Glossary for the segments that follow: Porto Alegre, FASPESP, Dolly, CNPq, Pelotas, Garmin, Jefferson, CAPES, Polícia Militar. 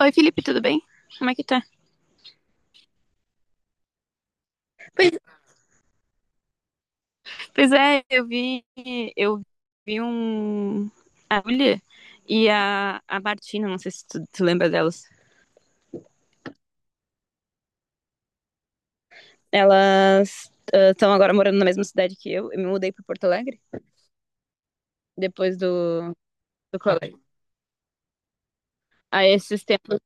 Oi, Felipe, tudo bem? Como é que tá? Pois Pois é, eu vi, eu vi um a Julia e a Martina, não sei se tu lembra delas. Elas estão agora morando na mesma cidade que eu. Eu me mudei para Porto Alegre depois do colégio. Aí esses tempos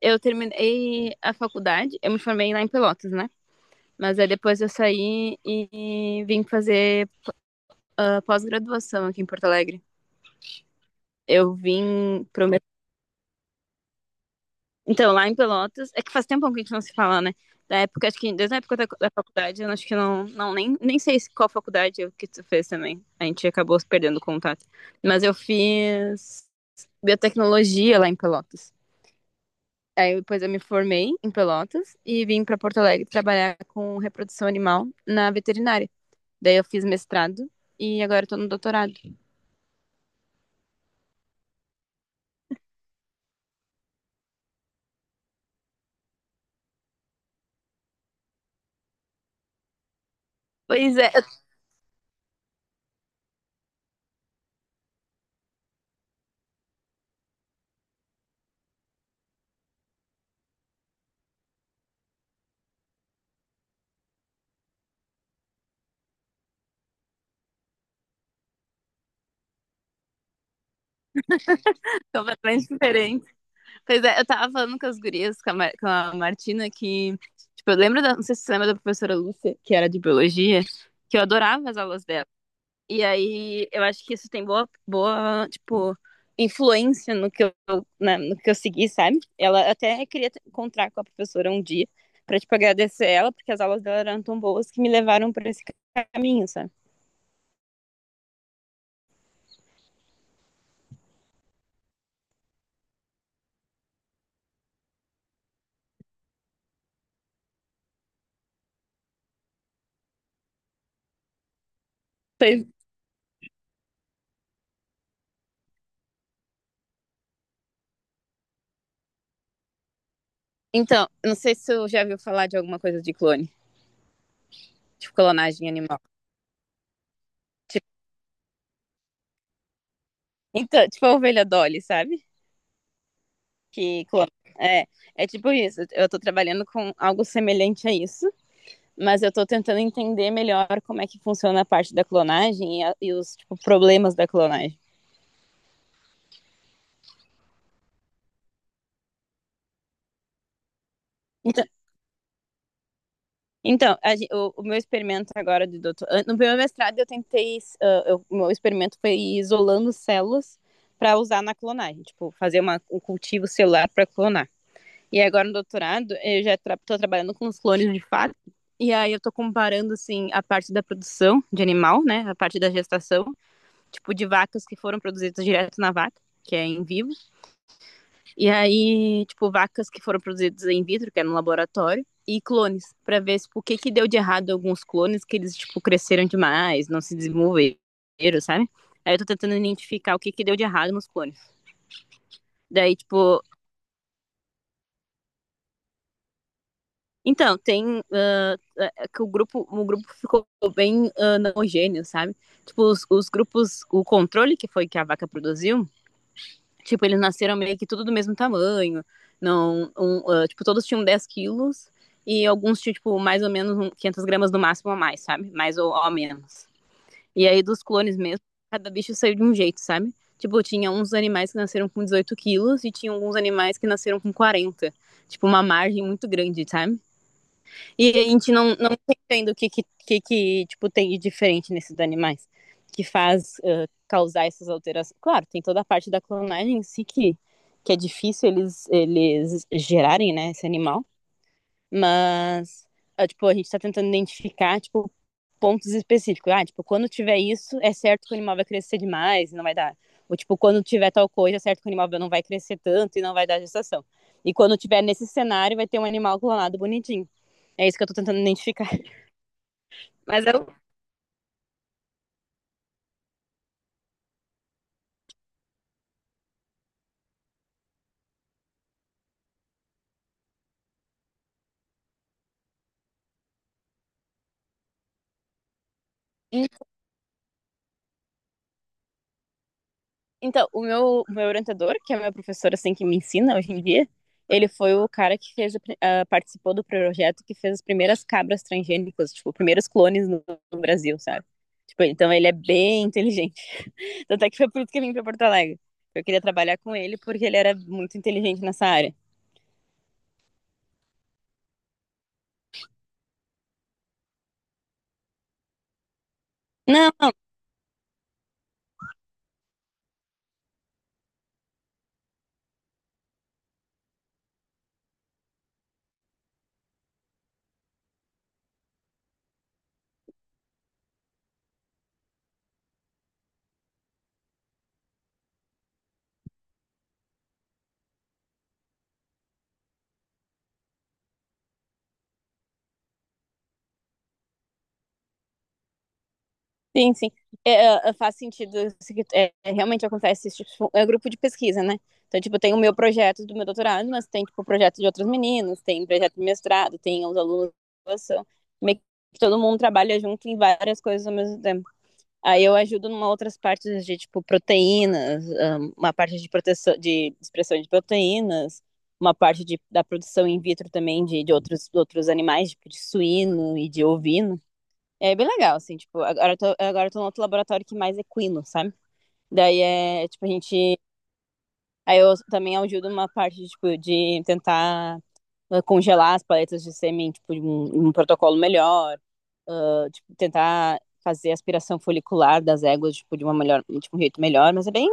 eu terminei a faculdade, eu me formei lá em Pelotas, né? Mas aí depois eu saí e vim fazer pós-graduação aqui em Porto Alegre. Eu vim pro Então, lá em Pelotas, é que faz tempo que a gente não se fala, né? Da época, acho que desde a época da faculdade, eu acho que não nem sei qual que tu fez também. A gente acabou se perdendo o contato. Mas eu fiz biotecnologia lá em Pelotas. Aí depois eu me formei em Pelotas e vim para Porto Alegre trabalhar com reprodução animal na veterinária. Daí eu fiz mestrado e agora eu tô no doutorado. Pois é, completamente diferente. Pois é, eu tava falando com as gurias, com a Martina, que, tipo, eu lembro da, não sei se você lembra da professora Lúcia, que era de biologia, que eu adorava as aulas dela. E aí, eu acho que isso tem boa, tipo, influência no que no que eu segui, sabe? Ela até queria encontrar com a professora um dia, pra, tipo, agradecer ela, porque as aulas dela eram tão boas que me levaram pra esse caminho, sabe? Pois- Então, eu não sei se você já viu falar de alguma coisa de clone, tipo, clonagem animal. Tipo, tipo a ovelha Dolly, sabe? Que clona. É, é tipo isso. Eu tô trabalhando com algo semelhante a isso, mas eu tô tentando entender melhor como é que funciona a parte da clonagem e os tipo, problemas da clonagem. Então, o meu experimento agora de doutor, no meu mestrado eu tentei, o meu experimento foi ir isolando células para usar na clonagem, tipo fazer um cultivo celular para clonar. E agora no doutorado, eu já tra tô trabalhando com os clones de fato. E aí eu tô comparando, assim, a parte da produção de animal, né? A parte da gestação, tipo, de vacas que foram produzidas direto na vaca, que é em vivo. E aí, tipo, vacas que foram produzidas em vitro, que é no laboratório. E clones, para ver, tipo, o que que deu de errado alguns clones, que eles, tipo, cresceram demais, não se desenvolveram, sabe? Aí eu tô tentando identificar o que que deu de errado nos clones. Daí, tipo, então, tem. É é que o grupo ficou bem não homogêneo, sabe? Tipo, os grupos, o controle que foi que a vaca produziu, tipo, eles nasceram meio que tudo do mesmo tamanho. Não, um, tipo, todos tinham 10 quilos e alguns tinham, tipo, mais ou menos gramas no máximo a mais, sabe? Mais ou menos. E aí, dos clones mesmo, cada bicho saiu de um jeito, sabe? Tipo, tinha uns animais que nasceram com 18 quilos e tinha alguns animais que nasceram com 40. Tipo, uma margem muito grande, sabe? E a gente não tá o que, tipo, tem de diferente nesses animais que faz causar essas alterações. Claro, tem toda a parte da clonagem em si que é difícil eles gerarem, né, esse animal, mas, tipo, a gente está tentando identificar, tipo, pontos específicos. Ah, tipo, quando tiver isso, é certo que o animal vai crescer demais e não vai dar. Ou, tipo, quando tiver tal coisa, é certo que o animal não vai crescer tanto e não vai dar gestação. E quando tiver nesse cenário, vai ter um animal clonado bonitinho. É isso que eu tô tentando identificar. Mas eu. Então, o meu orientador, que é meu professor, assim, que me ensina hoje em dia, ele foi o cara que participou do projeto que fez as primeiras cabras transgênicas, tipo, primeiros clones no Brasil, sabe? Tipo, então ele é bem inteligente. Tanto é que foi por isso que eu vim pra Porto Alegre. Eu queria trabalhar com ele porque ele era muito inteligente nessa área. Não, sim, sim. Faz sentido. É, é, realmente acontece isso. Tipo, é grupo de pesquisa, né? Então, tipo, tem o meu projeto do meu doutorado, mas tem, tipo, projeto de outros meninos, tem projeto de mestrado, tem os alunos de graduação. Meio que todo mundo trabalha junto em várias coisas ao mesmo tempo. Aí eu ajudo em outras partes de, tipo, proteínas, uma parte de proteção, de expressão de proteínas, uma parte da produção in vitro também de outros animais, tipo, de suíno e de ovino. É bem legal, assim, tipo, agora eu tô no outro laboratório que mais é equino, sabe? Daí é, tipo, a gente. Aí eu também ajudo uma parte, de, tipo, de tentar congelar as paletas de sêmen, tipo, de um protocolo melhor, tipo, tentar fazer a aspiração folicular das éguas, tipo, de uma melhor, de um jeito melhor, mas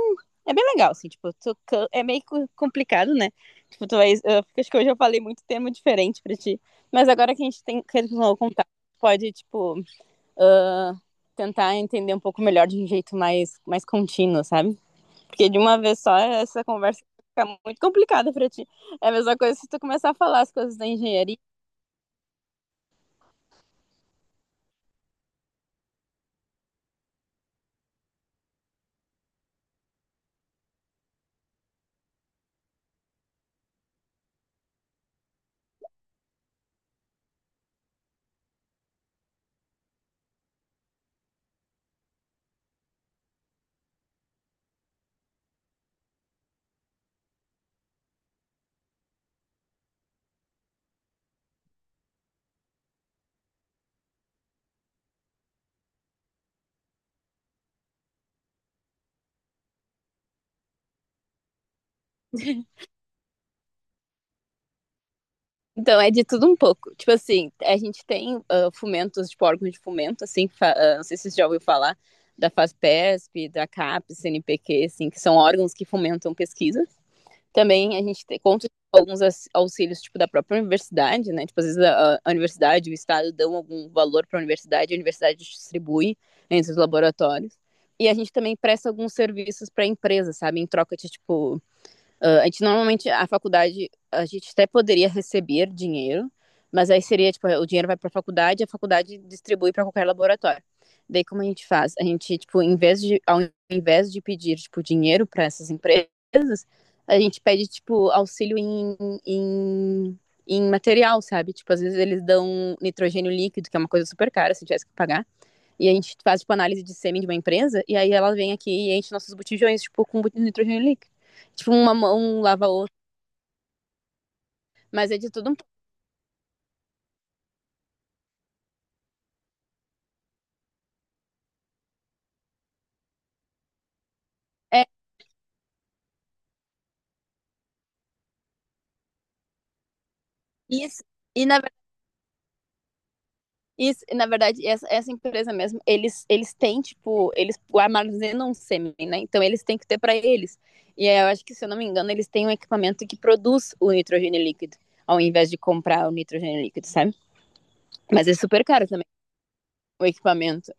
é bem legal, assim, tipo, é meio complicado, né? Tipo, tu vai, eu acho que hoje eu falei muito tema diferente pra ti, mas agora que a gente tem, que a gente tem contato, pode, tipo, uh, tentar entender um pouco melhor de um jeito mais, mais contínuo, sabe? Porque de uma vez só essa conversa fica muito complicada para ti. É a mesma coisa se tu começar a falar as coisas da engenharia. Então, é de tudo um pouco. Tipo assim, a gente tem fomentos, tipo órgãos de fomento, assim, não sei se você já ouviu falar, da FASPESP, da CAPES, CNPq, assim, que são órgãos que fomentam pesquisa. Também a gente conta com alguns auxílios, tipo, da própria universidade, né? Tipo, às vezes a universidade, o estado dão algum valor para a universidade distribui entre os laboratórios. E a gente também presta alguns serviços para empresas, sabe? Em troca de, tipo, ah, a gente normalmente, a faculdade, a gente até poderia receber dinheiro, mas aí seria, tipo, o dinheiro vai para a faculdade e a faculdade distribui para qualquer laboratório. Daí, como a gente faz? A gente, tipo, em vez de, ao invés de pedir, tipo, dinheiro para essas empresas, a gente pede, tipo, auxílio em, em material, sabe? Tipo, às vezes eles dão nitrogênio líquido, que é uma coisa super cara, se tivesse que pagar. E a gente faz, tipo, análise de sêmen de uma empresa, e aí ela vem aqui e enche nossos botijões, tipo, com nitrogênio líquido. Tipo, uma mão lava a outra. Mas é de tudo um... É isso. E na, verdade... isso, e na verdade, essa empresa mesmo, eles têm, tipo, eles armazenam sêmen, né? Então eles têm que ter para eles. E aí, eu acho que, se eu não me engano, eles têm um equipamento que produz o nitrogênio líquido, ao invés de comprar o nitrogênio líquido, sabe? Mas é super caro também o equipamento.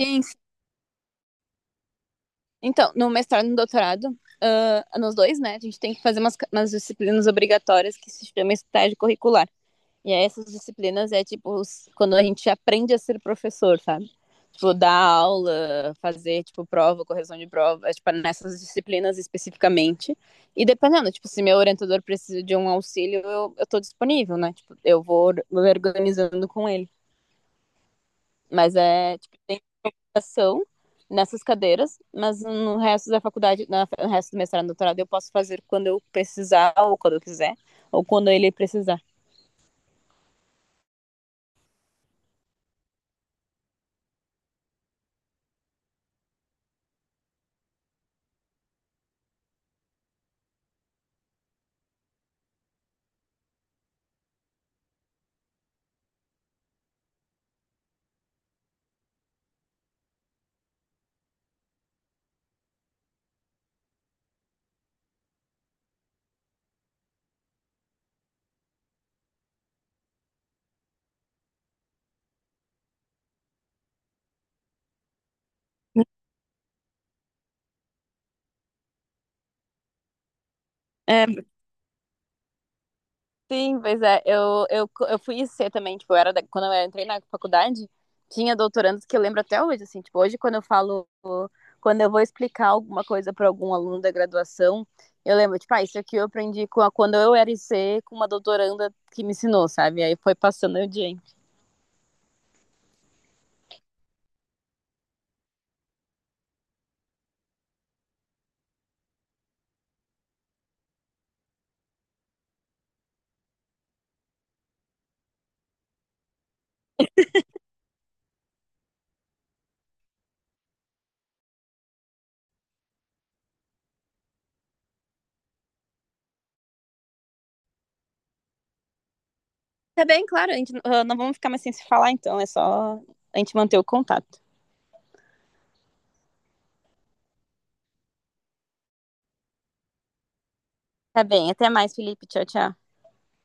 Sim, então, no mestrado e no doutorado, ah, nos dois, né, a gente tem que fazer umas disciplinas obrigatórias que se chama estágio curricular. E aí essas disciplinas é tipo quando a gente aprende a ser professor, sabe? Tipo, dar aula, fazer, tipo, prova, correção de prova, é, tipo, nessas disciplinas especificamente. E dependendo, tipo, se meu orientador precisa de um auxílio, eu tô disponível, né? Tipo, eu vou me organizando com ele. Mas é, graduação nessas cadeiras, mas no resto da faculdade, no resto do mestrado e doutorado, eu posso fazer quando eu precisar, ou quando eu quiser, ou quando ele precisar. É, sim, pois é, eu fui IC também, tipo, eu era quando eu entrei na faculdade, tinha doutorandos que eu lembro até hoje, assim, tipo, hoje quando eu falo, quando eu vou explicar alguma coisa para algum aluno da graduação, eu lembro, tipo, ah, isso aqui eu aprendi quando eu era IC com uma doutoranda que me ensinou, sabe? Aí foi passando o dia. Tá bem, claro. A gente, ah, não vamos ficar mais sem se falar, então. É só a gente manter o contato. Tá bem. Até mais, Felipe. Tchau, tchau.